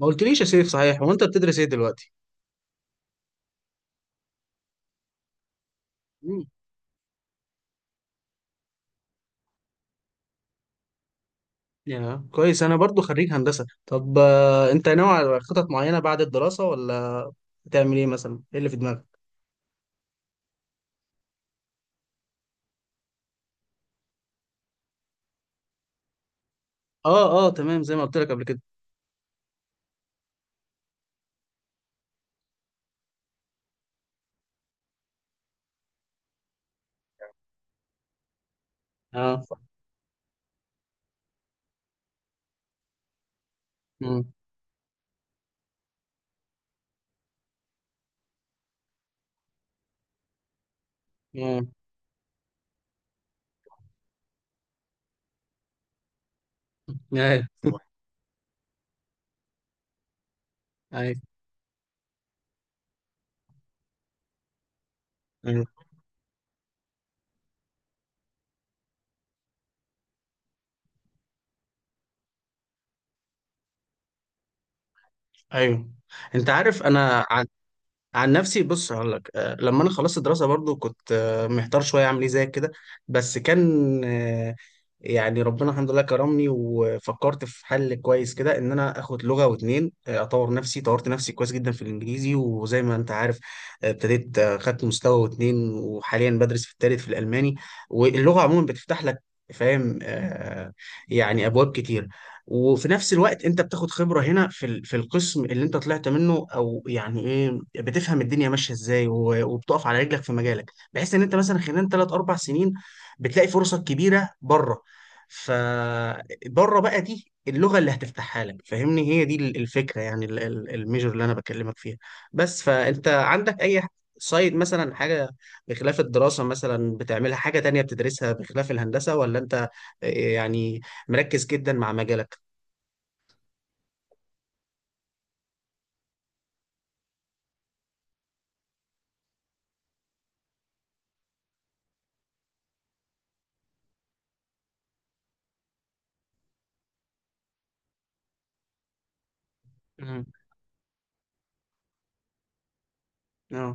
ما قلتليش يا سيف، صحيح هو انت بتدرس ايه دلوقتي؟ مم. يا كويس، انا برضو خريج هندسة. طب انت ناوي على خطط معينة بعد الدراسة، ولا هتعمل ايه؟ مثلا ايه اللي في دماغك؟ اه، اه، تمام، زي ما قلت لك قبل كده. اه. مم. مم. ايوه. ايوه، ايوه. أيوه. انت عارف انا، عن نفسي بص هقول لك، لما انا خلصت الدراسه برضو كنت محتار شويه اعمل ايه زي كده. بس كان يعني ربنا الحمد لله كرمني، وفكرت في حل كويس كده، ان انا اخد لغه واتنين، اطور نفسي. طورت نفسي كويس جدا في الانجليزي، وزي ما انت عارف ابتديت، خدت مستوى واتنين، وحاليا بدرس في التالت في الالماني. واللغه عموما بتفتح لك، فاهم؟ يعني ابواب كتير. وفي نفس الوقت انت بتاخد خبرة هنا في القسم اللي انت طلعت منه، او يعني ايه، بتفهم الدنيا ماشية ازاي، وبتقف على رجلك في مجالك، بحيث ان انت مثلا خلال ثلاث اربع سنين بتلاقي فرصك كبيرة بره. فبره بقى دي اللغة اللي هتفتحها لك، فاهمني؟ هي دي الفكرة، يعني الميجر اللي انا بكلمك فيها. بس فانت عندك اي سايد مثلا، حاجة بخلاف الدراسة مثلا بتعملها، حاجة تانية بتدرسها بخلاف الهندسة، ولا انت يعني مركز جدا مع مجالك؟ مم. اه،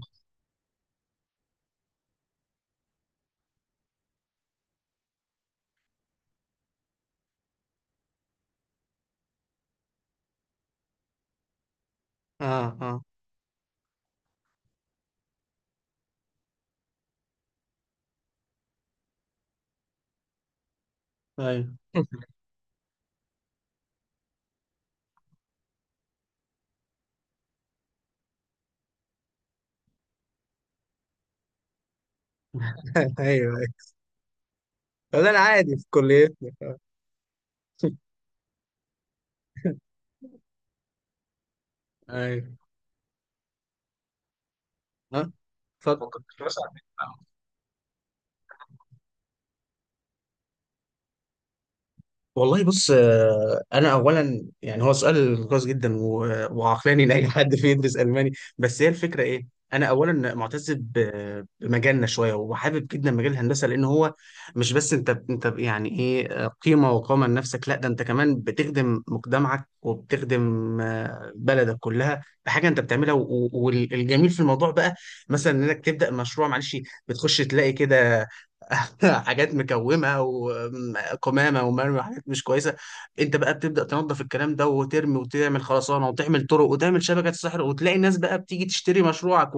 اه، اه. ايوه. ايوه، ايوه. لا، انا عادي في كليتنا. ايوه. ها. فكرت في فلوس على فكرة. والله بص، انا اولا يعني هو سؤال كويس جدا وعقلاني لاي حد في يدرس الماني. بس هي الفكره ايه؟ انا اولا معتز بمجالنا شويه، وحابب جدا مجال الهندسه، لان هو مش بس انت يعني ايه قيمه وقامه لنفسك، لا ده انت كمان بتخدم مجتمعك، وبتخدم بلدك كلها بحاجه انت بتعملها، والجميل في الموضوع بقى مثلا انك تبدا مشروع، معلش، بتخش تلاقي كده حاجات مكومه وقمامه ومرمى وحاجات مش كويسه. انت بقى بتبدا تنظف الكلام ده وترمي، وتعمل خرسانه، وتعمل طرق، وتعمل شبكه سحر، وتلاقي الناس بقى بتيجي تشتري مشروعك،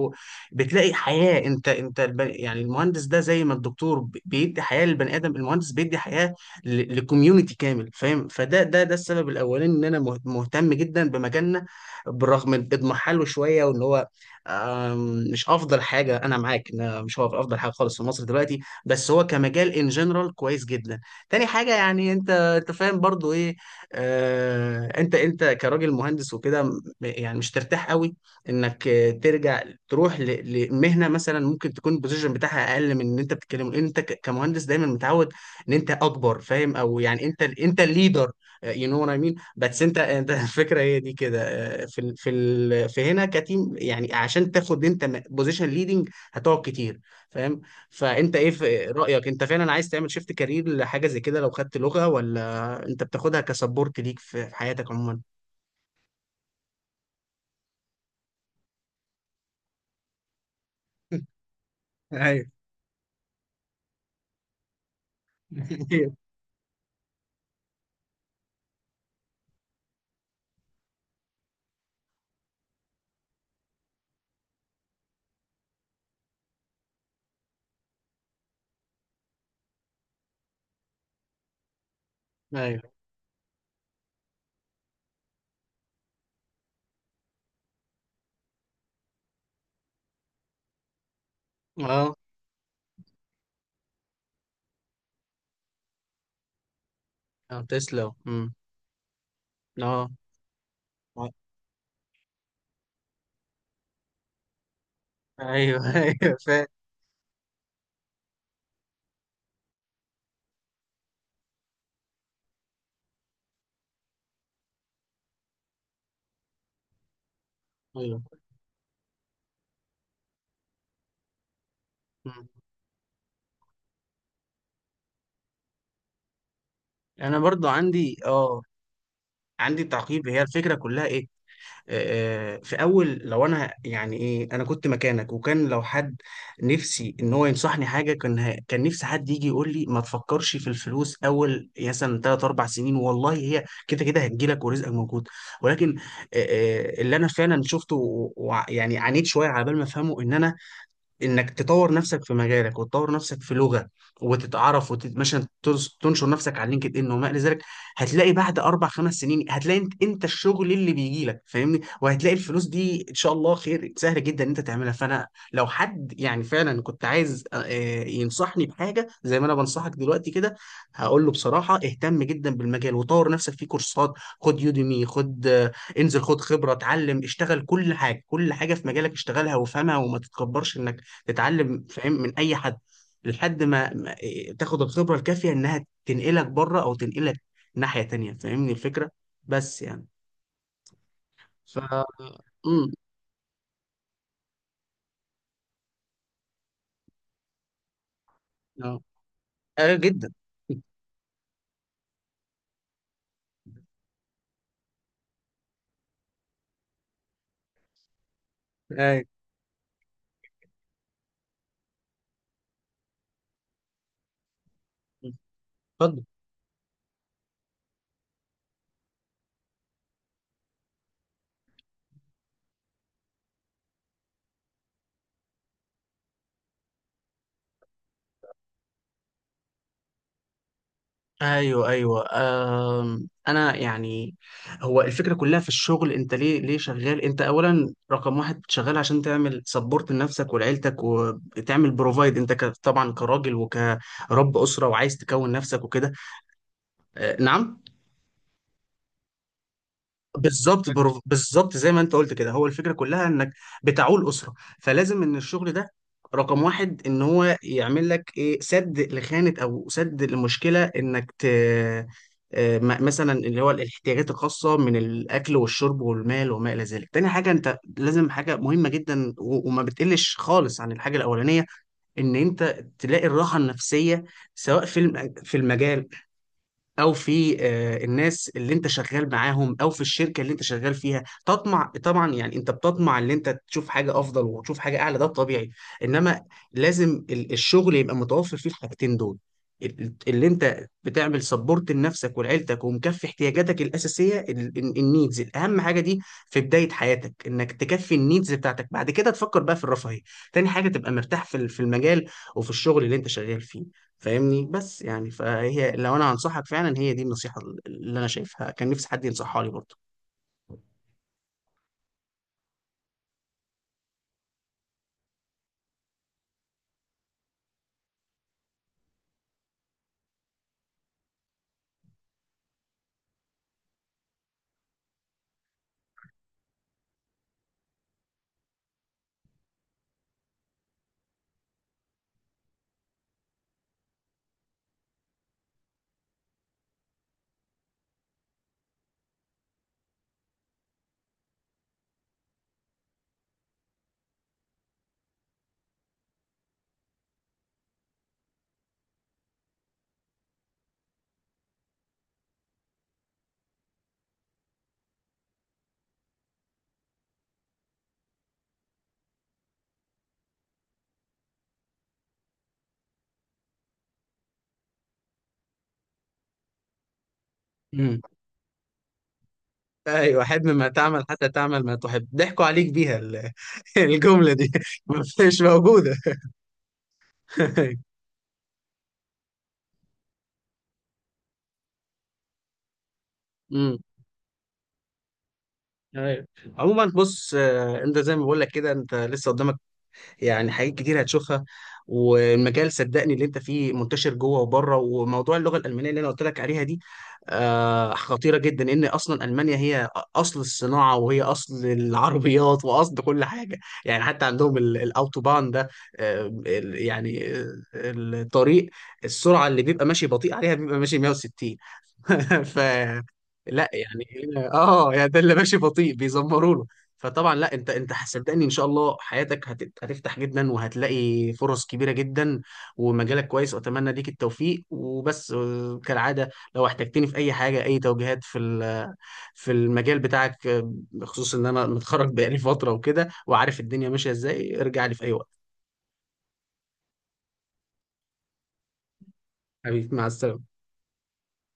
وبتلاقي حياه. انت يعني المهندس ده، زي ما الدكتور بيدي حياه للبني ادم، المهندس بيدي حياه لكوميونتي كامل، فاهم؟ فده ده ده السبب الاولاني ان انا مهتم جدا بمجالنا، بالرغم من اضمحاله شويه، وان هو مش افضل حاجه. انا معاك إن مش هو افضل حاجه خالص في مصر دلوقتي، بس هو كمجال ان جنرال كويس جدا. تاني حاجه، يعني انت فاهم برضو ايه. آه، انت كراجل مهندس وكده، يعني مش ترتاح قوي انك ترجع تروح لمهنه مثلا ممكن تكون البوزيشن بتاعها اقل من ان انت بتتكلم، لان انت كمهندس دايما متعود ان انت اكبر، فاهم؟ او يعني انت الليدر. يو نو وات اي مين، بس انت الفكره هي دي كده. في هنا كتيم، يعني عشان تاخد انت بوزيشن ليدنج هتقعد كتير، فاهم؟ فانت ايه في رايك؟ انت فعلا عايز تعمل شيفت كارير لحاجه زي كده لو خدت لغه، ولا انت بتاخدها كسبورت ليك في حياتك عموما؟ ايوه. ايوه، ايوه. اه. تسلا. امم. اه. آه. ايوه. ايوه، فاهم. ايوه. مم. انا برضو عندي تعقيب. هي الفكره كلها ايه؟ في اول، لو انا يعني ايه انا كنت مكانك، وكان لو حد نفسي ان هو ينصحني حاجه، كان نفسي حد يجي يقول لي: ما تفكرش في الفلوس اول مثلا ثلاث اربع سنين، والله هي كده كده هتجيلك ورزقك موجود. ولكن اللي انا فعلا شفته يعني عانيت شويه على بال ما افهمه، ان انا انك تطور نفسك في مجالك، وتطور نفسك في لغه، وتتعرف، ومثلا تنشر نفسك على لينكد ان، وما الى ذلك. هتلاقي بعد اربع خمس سنين، هتلاقي انت الشغل اللي بيجي لك، فاهمني؟ وهتلاقي الفلوس دي ان شاء الله خير سهل جدا ان انت تعملها. فانا لو حد يعني فعلا كنت عايز ينصحني بحاجه زي ما انا بنصحك دلوقتي كده، هقول له بصراحه: اهتم جدا بالمجال، وطور نفسك في كورسات، خد يوديمي، خد، انزل، خد خبره، اتعلم، اشتغل. كل حاجه كل حاجه في مجالك اشتغلها وافهمها، وما تتكبرش انك تتعلم، فاهم؟ من اي حد، لحد ما ما- إيه، تاخد الخبرة الكافية انها تنقلك بره، او تنقلك ناحية تانية، فاهمني الفكرة؟ بس يعني. ف امم اه. جدا. ايوه، اتفضل. ايوه، ايوه. انا يعني هو الفكره كلها في الشغل: انت ليه شغال؟ انت اولا رقم واحد شغال عشان تعمل سبورت لنفسك ولعيلتك، وتعمل بروفايد، انت طبعا كراجل وكرب اسره، وعايز تكون نفسك وكده. أه، نعم. بالظبط زي ما انت قلت كده، هو الفكره كلها انك بتعول اسره، فلازم ان الشغل ده رقم واحد ان هو يعمل لك ايه: سد لخانه، او سد لمشكله انك مثلا اللي هو الاحتياجات الخاصه من الاكل والشرب والمال، وما الى ذلك. تاني حاجه انت لازم، حاجه مهمه جدا، وما بتقلش خالص عن الحاجه الاولانيه، ان انت تلاقي الراحه النفسيه، سواء في المجال، او في الناس اللي انت شغال معاهم، او في الشركه اللي انت شغال فيها. تطمع طبعا يعني، انت بتطمع ان انت تشوف حاجه افضل، وتشوف حاجه اعلى، ده طبيعي. انما لازم الشغل يبقى متوفر فيه الحاجتين دول، اللي انت بتعمل سبورت لنفسك ولعيلتك، ومكفي احتياجاتك الاساسيه، النيدز، الاهم حاجه دي في بدايه حياتك انك تكفي النيدز بتاعتك. بعد كده تفكر بقى في الرفاهيه. تاني حاجه تبقى مرتاح في المجال، وفي الشغل اللي انت شغال فيه، فاهمني؟ بس يعني فهي، لو انا هنصحك فعلا، هي دي النصيحة اللي انا شايفها، كان نفسي حد ينصحها لي برضه. امم. ايوه. حب ما تعمل، حتى تعمل ما تحب، ضحكوا عليك بيها الجملة دي مش موجودة. امم. ايوه. عموما بص، انت زي ما بقول لك كده، انت لسه قدامك يعني حاجات كتير هتشوفها، والمجال صدقني اللي انت فيه منتشر جوه وبره. وموضوع اللغه الالمانيه اللي انا قلت لك عليها دي، خطيره جدا، ان اصلا المانيا هي اصل الصناعه، وهي اصل العربيات، واصل كل حاجه. يعني حتى عندهم الاوتوبان ده، آه، ال- يعني آه، الطريق، السرعه اللي بيبقى ماشي بطيء عليها بيبقى ماشي 160. ف لا يعني، هنا اه يعني ده اللي ماشي بطيء بيزمروا له. فطبعا لا، انت صدقني ان شاء الله حياتك هتفتح جدا، وهتلاقي فرص كبيره جدا، ومجالك كويس. واتمنى ليك التوفيق. وبس كالعاده، لو احتجتني في اي حاجه، اي توجيهات في المجال بتاعك، بخصوص ان انا متخرج بقالي فتره وكده، وعارف الدنيا ماشيه ازاي، ارجع لي في اي وقت. حبيبي مع السلامه.